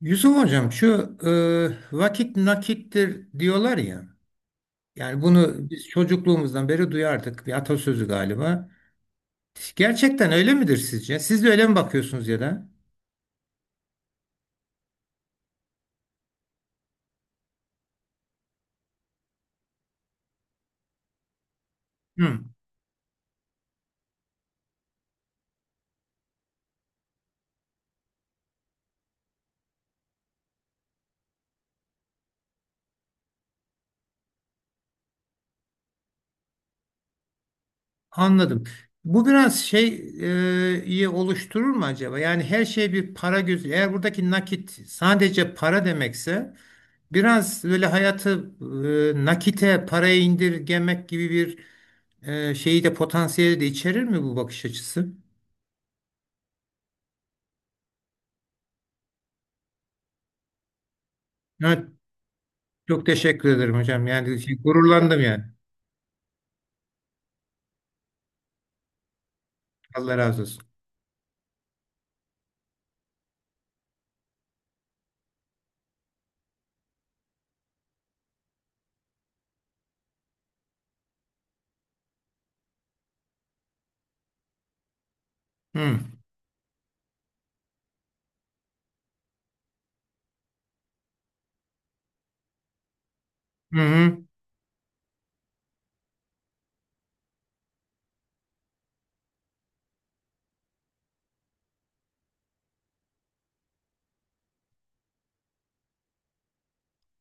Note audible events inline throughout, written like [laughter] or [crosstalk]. Yusuf Hocam şu vakit nakittir diyorlar ya. Yani bunu biz çocukluğumuzdan beri duyardık. Bir atasözü galiba. Gerçekten öyle midir sizce? Siz de öyle mi bakıyorsunuz ya da? Hı, anladım. Bu biraz şey iyi oluşturur mu acaba? Yani her şey bir para gözü. Eğer buradaki nakit sadece para demekse biraz böyle hayatı nakite, paraya indirgemek gibi bir şeyi de potansiyeli de içerir mi bu bakış açısı? Evet. Çok teşekkür ederim hocam. Yani şey, gururlandım yani. Allah razı olsun. Hı. Hı hı.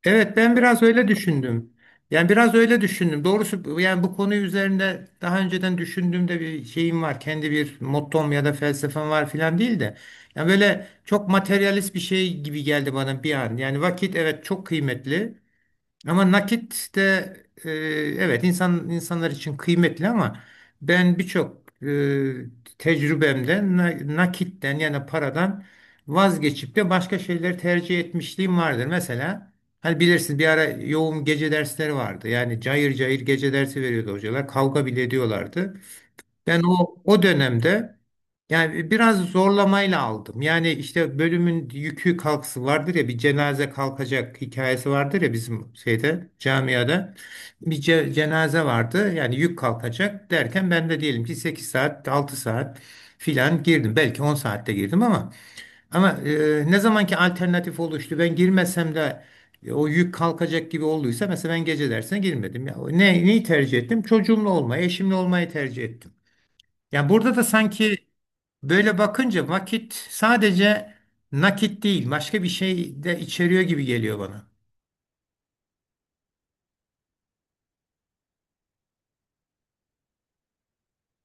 Evet ben biraz öyle düşündüm. Yani biraz öyle düşündüm. Doğrusu yani bu konu üzerinde daha önceden düşündüğümde bir şeyim var. Kendi bir mottom ya da felsefem var filan değil de. Yani böyle çok materyalist bir şey gibi geldi bana bir an. Yani vakit evet çok kıymetli. Ama nakit de e, evet insanlar için kıymetli ama ben birçok tecrübemde nakitten yani paradan vazgeçip de başka şeyleri tercih etmişliğim vardır. Mesela hani bilirsin bir ara yoğun gece dersleri vardı. Yani cayır cayır gece dersi veriyordu hocalar. Kavga bile ediyorlardı. Ben o dönemde yani biraz zorlamayla aldım. Yani işte bölümün yükü kalkısı vardır ya bir cenaze kalkacak hikayesi vardır ya bizim şeyde camiada. Bir cenaze vardı yani yük kalkacak derken ben de diyelim ki 8 saat 6 saat filan girdim. Belki 10 saatte girdim ama ne zamanki alternatif oluştu ben girmesem de o yük kalkacak gibi olduysa mesela ben gece dersine girmedim. Ya, neyi tercih ettim? Çocuğumla olmayı, eşimle olmayı tercih ettim. Ya burada da sanki böyle bakınca vakit sadece nakit değil, başka bir şey de içeriyor gibi geliyor bana.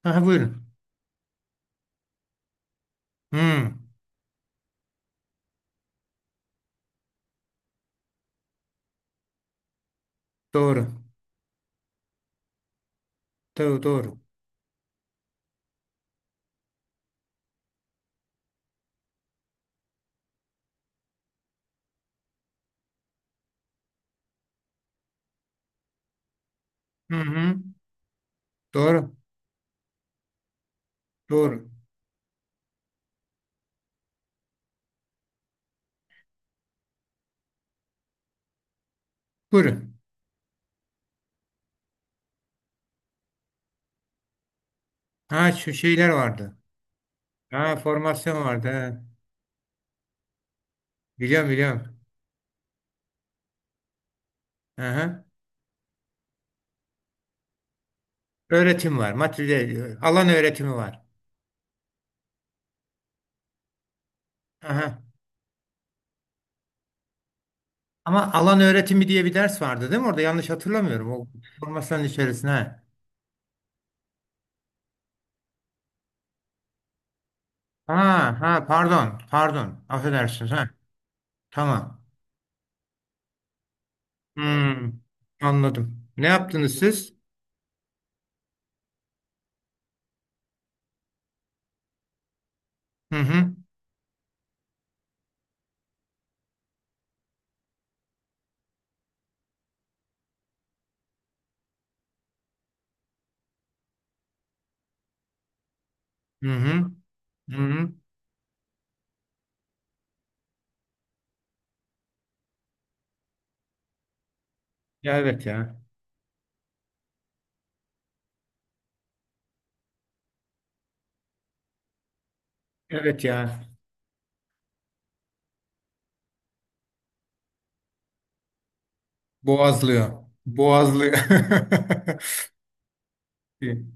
Aha, buyurun. Hmm, doğru. Doğru, doğru. Hı hı. Doğru, doğru. Buyurun. Ha, şu şeyler vardı. Ha, formasyon vardı. Ha. Biliyorum, biliyorum. Aha. Öğretim var, materyal, alan öğretimi var. Aha. Ama alan öğretimi diye bir ders vardı değil mi orada? Yanlış hatırlamıyorum. O formasyonun içerisine. Ha, ha, pardon, pardon, affedersiniz. Ha, tamam. Hmm, anladım. Ne yaptınız siz? Hı hı. Hı hı. Hı hı. Ya, evet ya. Evet ya. Boğazlıyor, boğazlıyor. [laughs] Hı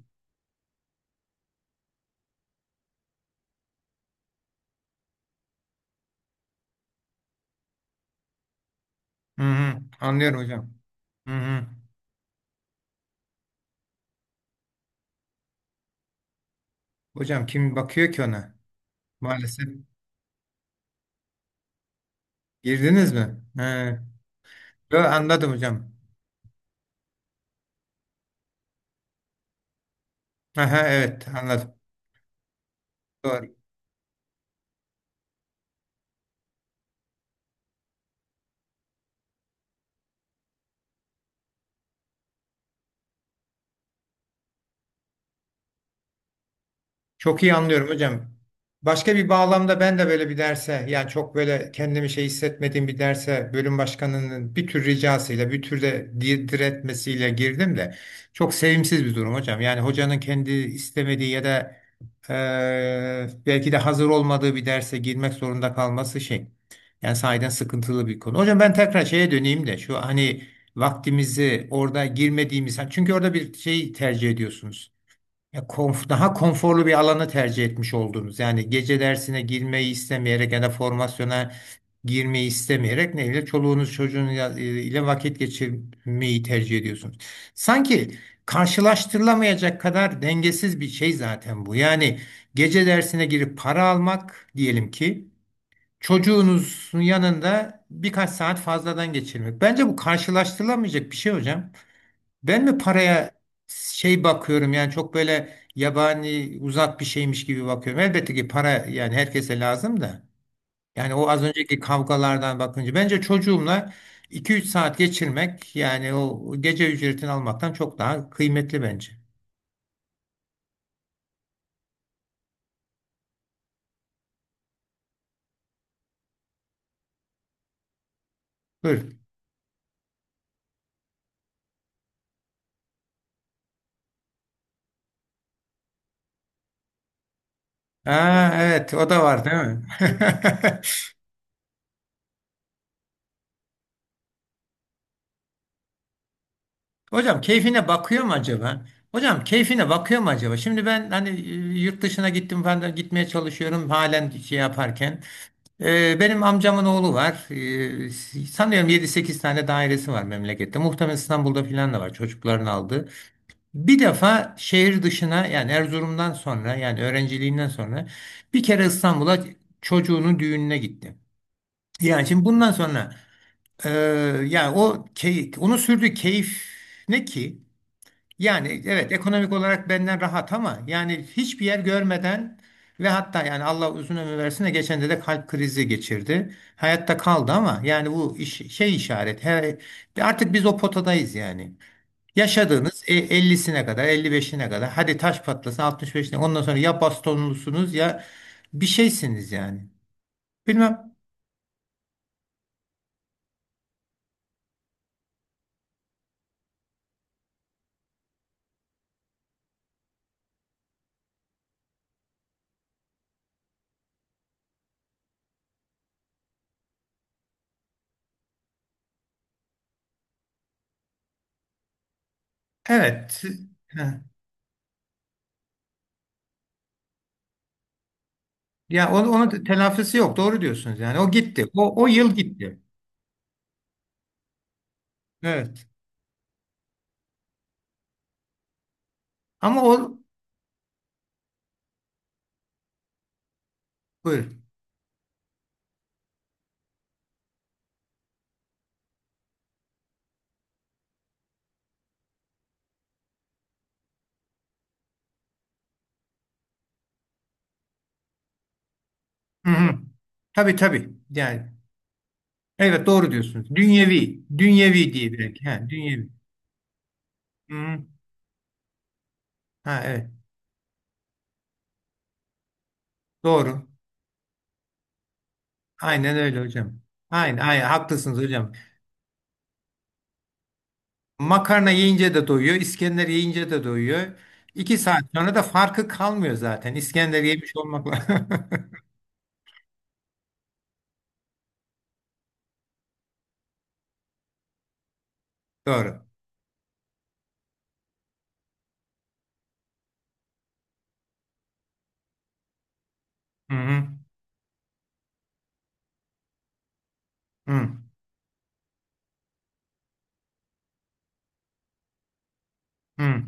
hı, anlıyorum hocam. Hı hı. Hocam kim bakıyor ki ona? Maalesef. Girdiniz mi? He. Yo, anladım hocam. Aha, evet anladım. Doğru. Çok iyi anlıyorum hocam. Başka bir bağlamda ben de böyle bir derse yani çok böyle kendimi şey hissetmediğim bir derse bölüm başkanının bir tür ricasıyla bir tür de diretmesiyle girdim de çok sevimsiz bir durum hocam. Yani hocanın kendi istemediği ya da belki de hazır olmadığı bir derse girmek zorunda kalması şey. Yani sahiden sıkıntılı bir konu. Hocam ben tekrar şeye döneyim de şu hani vaktimizi orada girmediğimiz çünkü orada bir şey tercih ediyorsunuz. Ya daha konforlu bir alanı tercih etmiş oldunuz. Yani gece dersine girmeyi istemeyerek ya da formasyona girmeyi istemeyerek neyle çoluğunuz çocuğunuzla ile vakit geçirmeyi tercih ediyorsunuz. Sanki karşılaştırılamayacak kadar dengesiz bir şey zaten bu. Yani gece dersine girip para almak diyelim ki çocuğunuzun yanında birkaç saat fazladan geçirmek. Bence bu karşılaştırılamayacak bir şey hocam. Ben mi paraya şey bakıyorum yani çok böyle yabani uzak bir şeymiş gibi bakıyorum. Elbette ki para yani herkese lazım da. Yani o az önceki kavgalardan bakınca bence çocuğumla 2-3 saat geçirmek yani o gece ücretini almaktan çok daha kıymetli bence. Buyurun. Aa, evet o da var değil mi? [laughs] Hocam keyfine bakıyor mu acaba? Hocam keyfine bakıyor mu acaba? Şimdi ben hani yurt dışına gittim falan da gitmeye çalışıyorum halen şey yaparken. Benim amcamın oğlu var. Sanıyorum 7-8 tane dairesi var memlekette. Muhtemelen İstanbul'da filan da var çocukların aldığı. Bir defa şehir dışına yani Erzurum'dan sonra yani öğrenciliğinden sonra bir kere İstanbul'a çocuğunun düğününe gitti. Yani şimdi bundan sonra e, yani onu sürdüğü keyif ne ki? Yani evet ekonomik olarak benden rahat ama yani hiçbir yer görmeden ve hatta yani Allah uzun ömür versin de geçen de kalp krizi geçirdi. Hayatta kaldı ama yani bu iş, şey işaret. Artık biz o potadayız yani. Yaşadığınız 50'sine kadar 55'ine kadar, hadi taş patlasın, 65'ine. Ondan sonra ya bastonlusunuz ya bir şeysiniz yani. Bilmem. Evet. Heh. Ya onun telafisi yok. Doğru diyorsunuz yani. O gitti. O yıl gitti. Evet. Ama o. Buyur. Hı hı. Tabii tabii. Yani evet doğru diyorsunuz. Dünyevi, dünyevi diye belki. Ha, dünyevi. Hı hı. Ha, evet. Doğru. Aynen öyle hocam. Aynen, aynen haklısınız hocam. Makarna yiyince de doyuyor, İskender yiyince de doyuyor. 2 saat sonra da farkı kalmıyor zaten. İskender yemiş olmakla. [laughs] Doğru. Hı hı. Hı hı.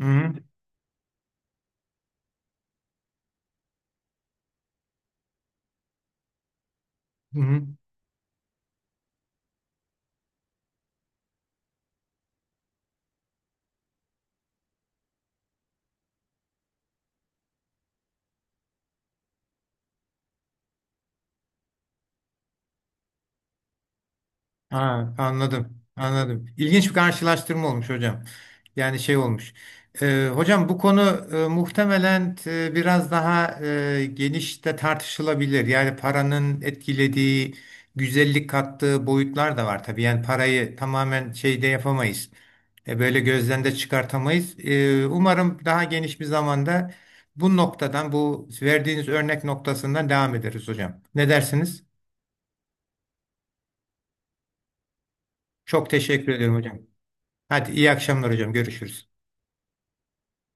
Hı hı. Hı hı. Ha, anladım. Anladım. İlginç bir karşılaştırma olmuş hocam. Yani şey olmuş. Hocam bu konu muhtemelen biraz daha geniş de tartışılabilir. Yani paranın etkilediği, güzellik kattığı boyutlar da var tabii. Yani parayı tamamen şeyde yapamayız. Böyle gözden de çıkartamayız. Umarım daha geniş bir zamanda bu noktadan, bu verdiğiniz örnek noktasından devam ederiz hocam. Ne dersiniz? Çok teşekkür ediyorum hocam. Hadi iyi akşamlar hocam. Görüşürüz.